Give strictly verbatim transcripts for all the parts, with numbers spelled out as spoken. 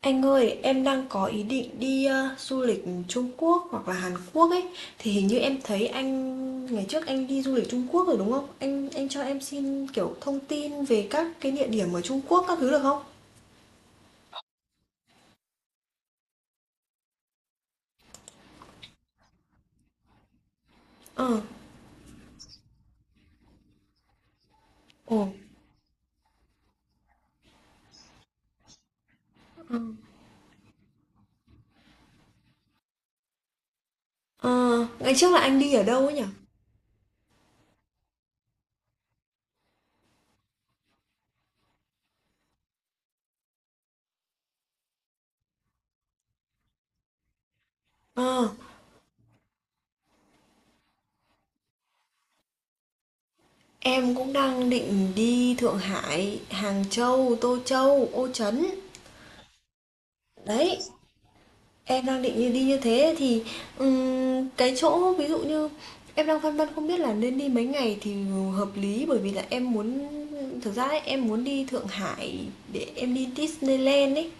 Anh ơi, em đang có ý định đi ờ, du lịch Trung Quốc hoặc là Hàn Quốc ấy. Thì hình như em thấy anh ngày trước anh đi du lịch Trung Quốc rồi đúng không? Anh anh cho em xin kiểu thông tin về các cái địa điểm ở Trung Quốc các thứ được không? Ờ. Ồ. Ờ. Ờ, ngày trước là anh đi ở đâu ấy nhỉ? Ờ, em cũng đang định đi Thượng Hải, Hàng Châu, Tô Châu, Ô Trấn. Đấy, em đang định như đi như thế thì, ừm, cái chỗ ví dụ như em đang phân vân không biết là nên đi mấy ngày thì hợp lý, bởi vì là em muốn thực ra ấy, em muốn đi Thượng Hải để em đi Disneyland ấy.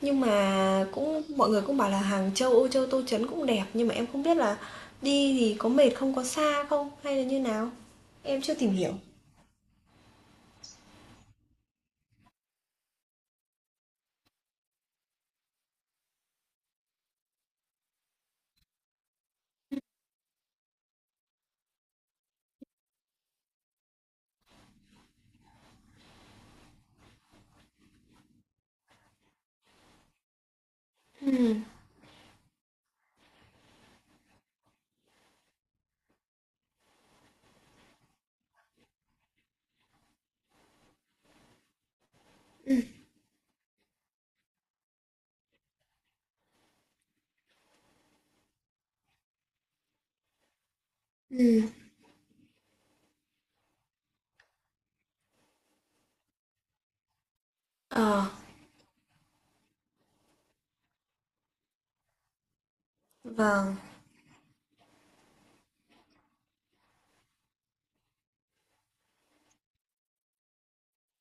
Nhưng mà cũng mọi người cũng bảo là Hàng Châu, Âu Châu, Tô Trấn cũng đẹp, nhưng mà em không biết là đi thì có mệt không, có xa không hay là như nào? Em chưa tìm hiểu. Ừ, ừ, ừm. Ờ, vâng,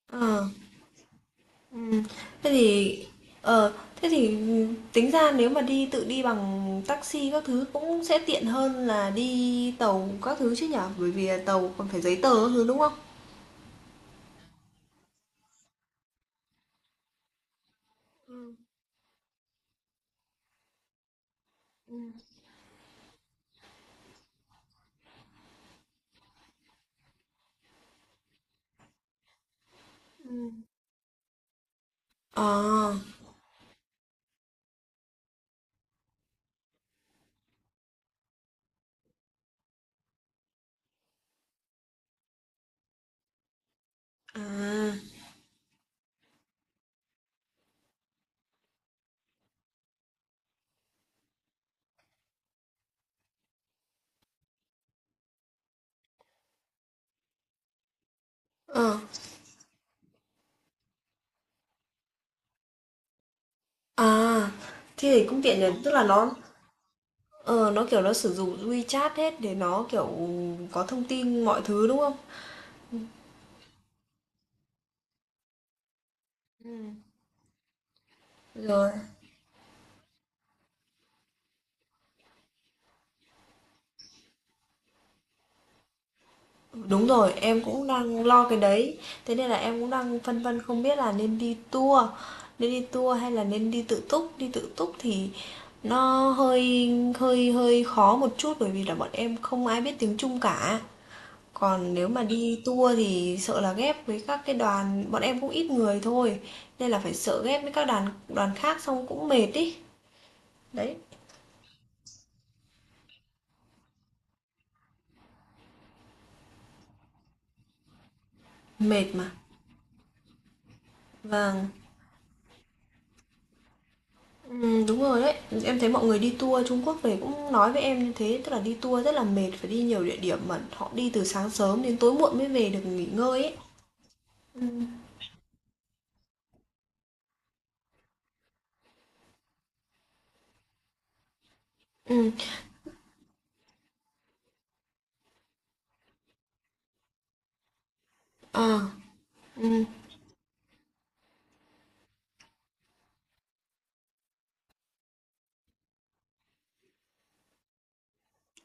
ờ, ừm, thế thì ờ, thế thì tính ra nếu mà đi tự đi bằng taxi các thứ cũng sẽ tiện hơn là đi tàu các thứ chứ nhở? Bởi vì là tàu còn phải giấy tờ các thứ đúng không? Ừ. Ừm. Ờ, à, ờ, à, thế thì cũng tiện nhỉ, tức là nó ờ, nó kiểu nó sử dụng WeChat hết để nó kiểu có thông tin mọi thứ đúng không? Ừ. Rồi. Đúng rồi, em cũng đang lo cái đấy. Thế nên là em cũng đang phân vân không biết là nên đi tour, nên đi tour hay là nên đi tự túc. Đi tự túc thì nó hơi hơi hơi khó một chút bởi vì là bọn em không ai biết tiếng Trung cả. Còn nếu mà đi tour thì sợ là ghép với các cái đoàn, bọn em cũng ít người thôi. Nên là phải sợ ghép với các đoàn đoàn khác xong cũng mệt ý. Đấy, mệt mà. Vâng. Ừm, đúng rồi đấy. Em thấy mọi người đi tour Trung Quốc về cũng nói với em như thế, tức là đi tour rất là mệt, phải đi nhiều địa điểm mà họ đi từ sáng sớm đến tối muộn mới về được nghỉ ngơi ấy. Ừm, ừm, ờ, ừm,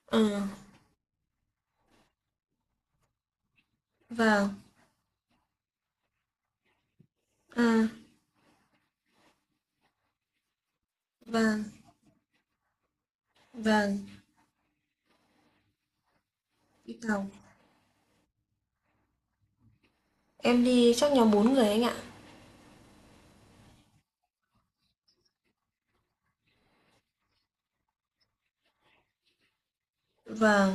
ờ, vàng à, vàng vàng đi tàu. Em đi chắc nhóm bốn người anh ạ. Vàng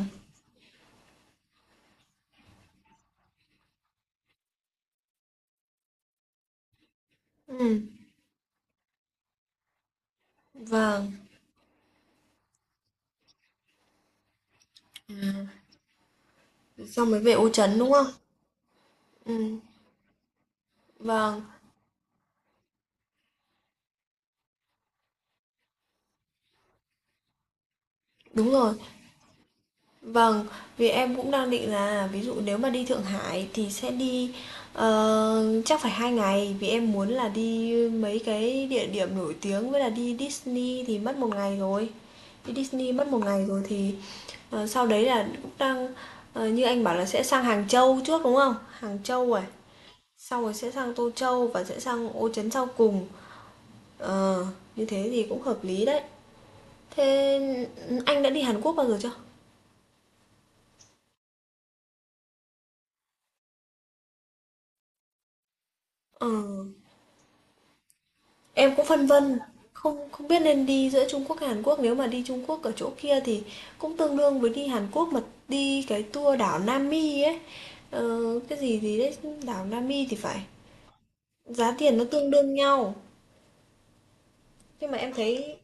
ừm, vàng à, xong mới về Ô Trấn đúng không? Ừm, vàng đúng rồi. Vâng, vì em cũng đang định là ví dụ nếu mà đi Thượng Hải thì sẽ đi, ờ, chắc phải hai ngày vì em muốn là đi mấy cái địa điểm nổi tiếng với là đi Disney thì mất một ngày rồi. Đi Disney mất một ngày rồi thì, ờ, sau đấy là cũng đang ờ, như anh bảo là sẽ sang Hàng Châu trước, đúng không? Hàng Châu rồi sau rồi sẽ sang Tô Châu và sẽ sang Ô Trấn sau cùng. Ờ, như thế thì cũng hợp lý đấy. Thế anh đã đi Hàn Quốc bao giờ chưa? Ờ. Em cũng phân vân, không không biết nên đi giữa Trung Quốc hay Hàn Quốc, nếu mà đi Trung Quốc ở chỗ kia thì cũng tương đương với đi Hàn Quốc mà đi cái tour đảo Nam Mi ấy. Ờ, cái gì gì đấy, đảo Nam Mi thì phải. Giá tiền nó tương đương nhau. Nhưng mà em thấy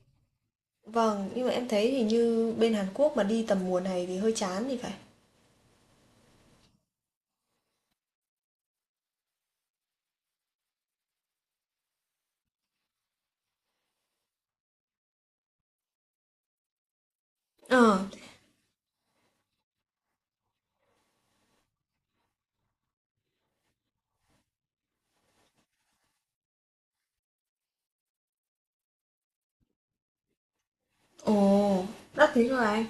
vâng, nhưng mà em thấy thì như bên Hàn Quốc mà đi tầm mùa này thì hơi chán thì phải. Ờ, ồ, đắt thế rồi anh.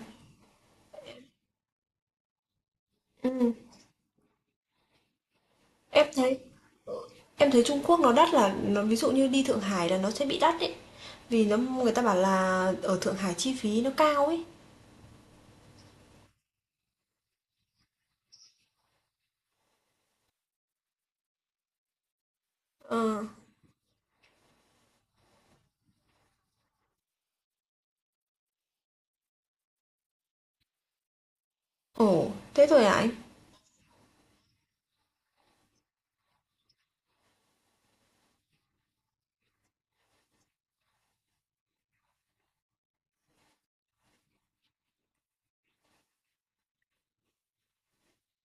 Ừ, em thấy em thấy Trung Quốc nó đắt là nó ví dụ như đi Thượng Hải là nó sẽ bị đắt đấy. Vì nó người ta bảo là ở Thượng Hải chi phí nó cao ấy. Ờ. Ồ, thế thôi hả anh?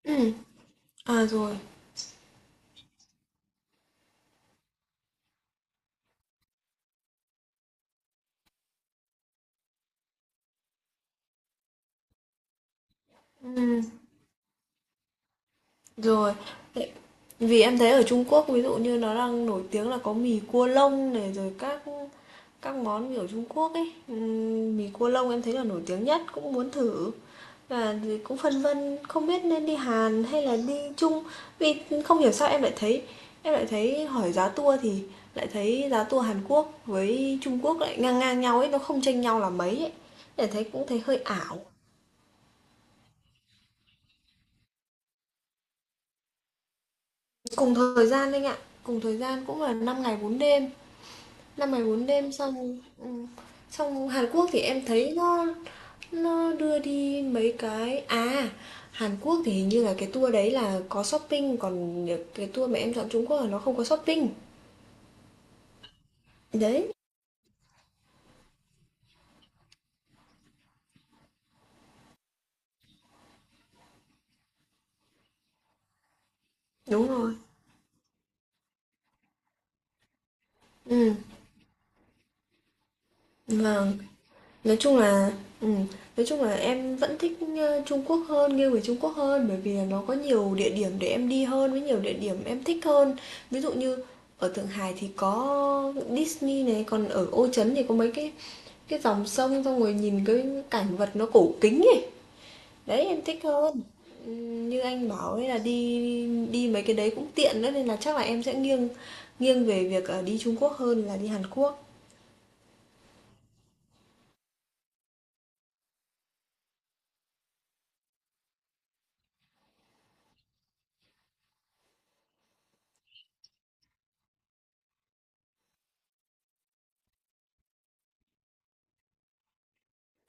Ừm, à rồi. Ừm, Rồi, tại vì em thấy ở Trung Quốc ví dụ như nó đang nổi tiếng là có mì cua lông này rồi các các món kiểu Trung Quốc ấy. Ừm, mì cua lông em thấy là nổi tiếng nhất cũng muốn thử. Và thì cũng phân vân không biết nên đi Hàn hay là đi Trung vì không hiểu sao em lại thấy em lại thấy hỏi giá tour thì lại thấy giá tour Hàn Quốc với Trung Quốc lại ngang ngang nhau ấy, nó không chênh nhau là mấy ấy. Để thấy cũng thấy hơi ảo. Cùng thời gian anh ạ, cùng thời gian cũng là năm ngày bốn đêm. Năm Ngày bốn Đêm xong ừ, xong Hàn Quốc thì em thấy nó nó đưa đi mấy cái à Hàn Quốc thì hình như là cái tour đấy là có shopping, còn cái tour mà em chọn Trung Quốc là nó không có shopping. Đấy, đúng rồi. Ừ, vâng, nói chung là ừm, nói chung là em vẫn thích, ờ, Trung Quốc hơn, nghiêng về Trung Quốc hơn bởi vì là nó có nhiều địa điểm để em đi hơn, với nhiều địa điểm em thích hơn. Ví dụ như ở Thượng Hải thì có Disney này, còn ở Ô Trấn thì có mấy cái cái dòng sông xong rồi nhìn cái cảnh vật nó cổ kính ấy. Đấy, em thích hơn. Ừm, như anh bảo ấy là đi đi mấy cái đấy cũng tiện nữa nên là chắc là em sẽ nghiêng nghiêng về việc, ờ, đi Trung Quốc hơn là đi Hàn Quốc.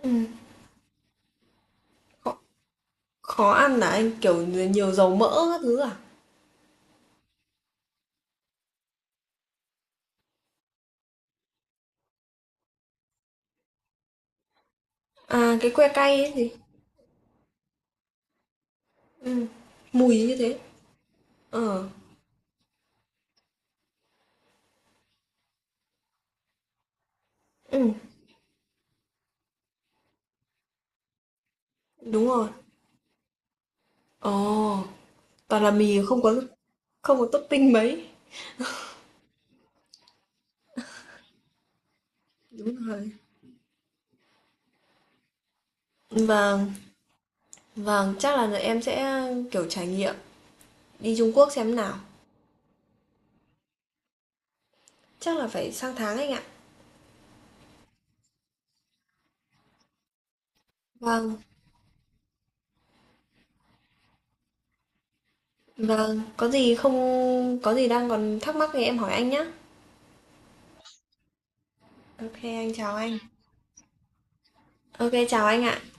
Ừm. Khó ăn là anh, kiểu, nhiều dầu mỡ các thứ à? À, cái que cay ấy gì? Ừm, mùi như thế. Ờ, ừm, đúng rồi. Ồ, toàn là mì không có không có topping mấy. Đúng rồi. Vâng, vâng, chắc là em sẽ, kiểu, trải nghiệm đi Trung Quốc xem nào. Chắc là phải sang tháng anh ạ. Vâng, vâng, có gì không có gì đang còn thắc mắc thì em hỏi anh nhé. Ok, anh chào anh. Ok, chào anh ạ.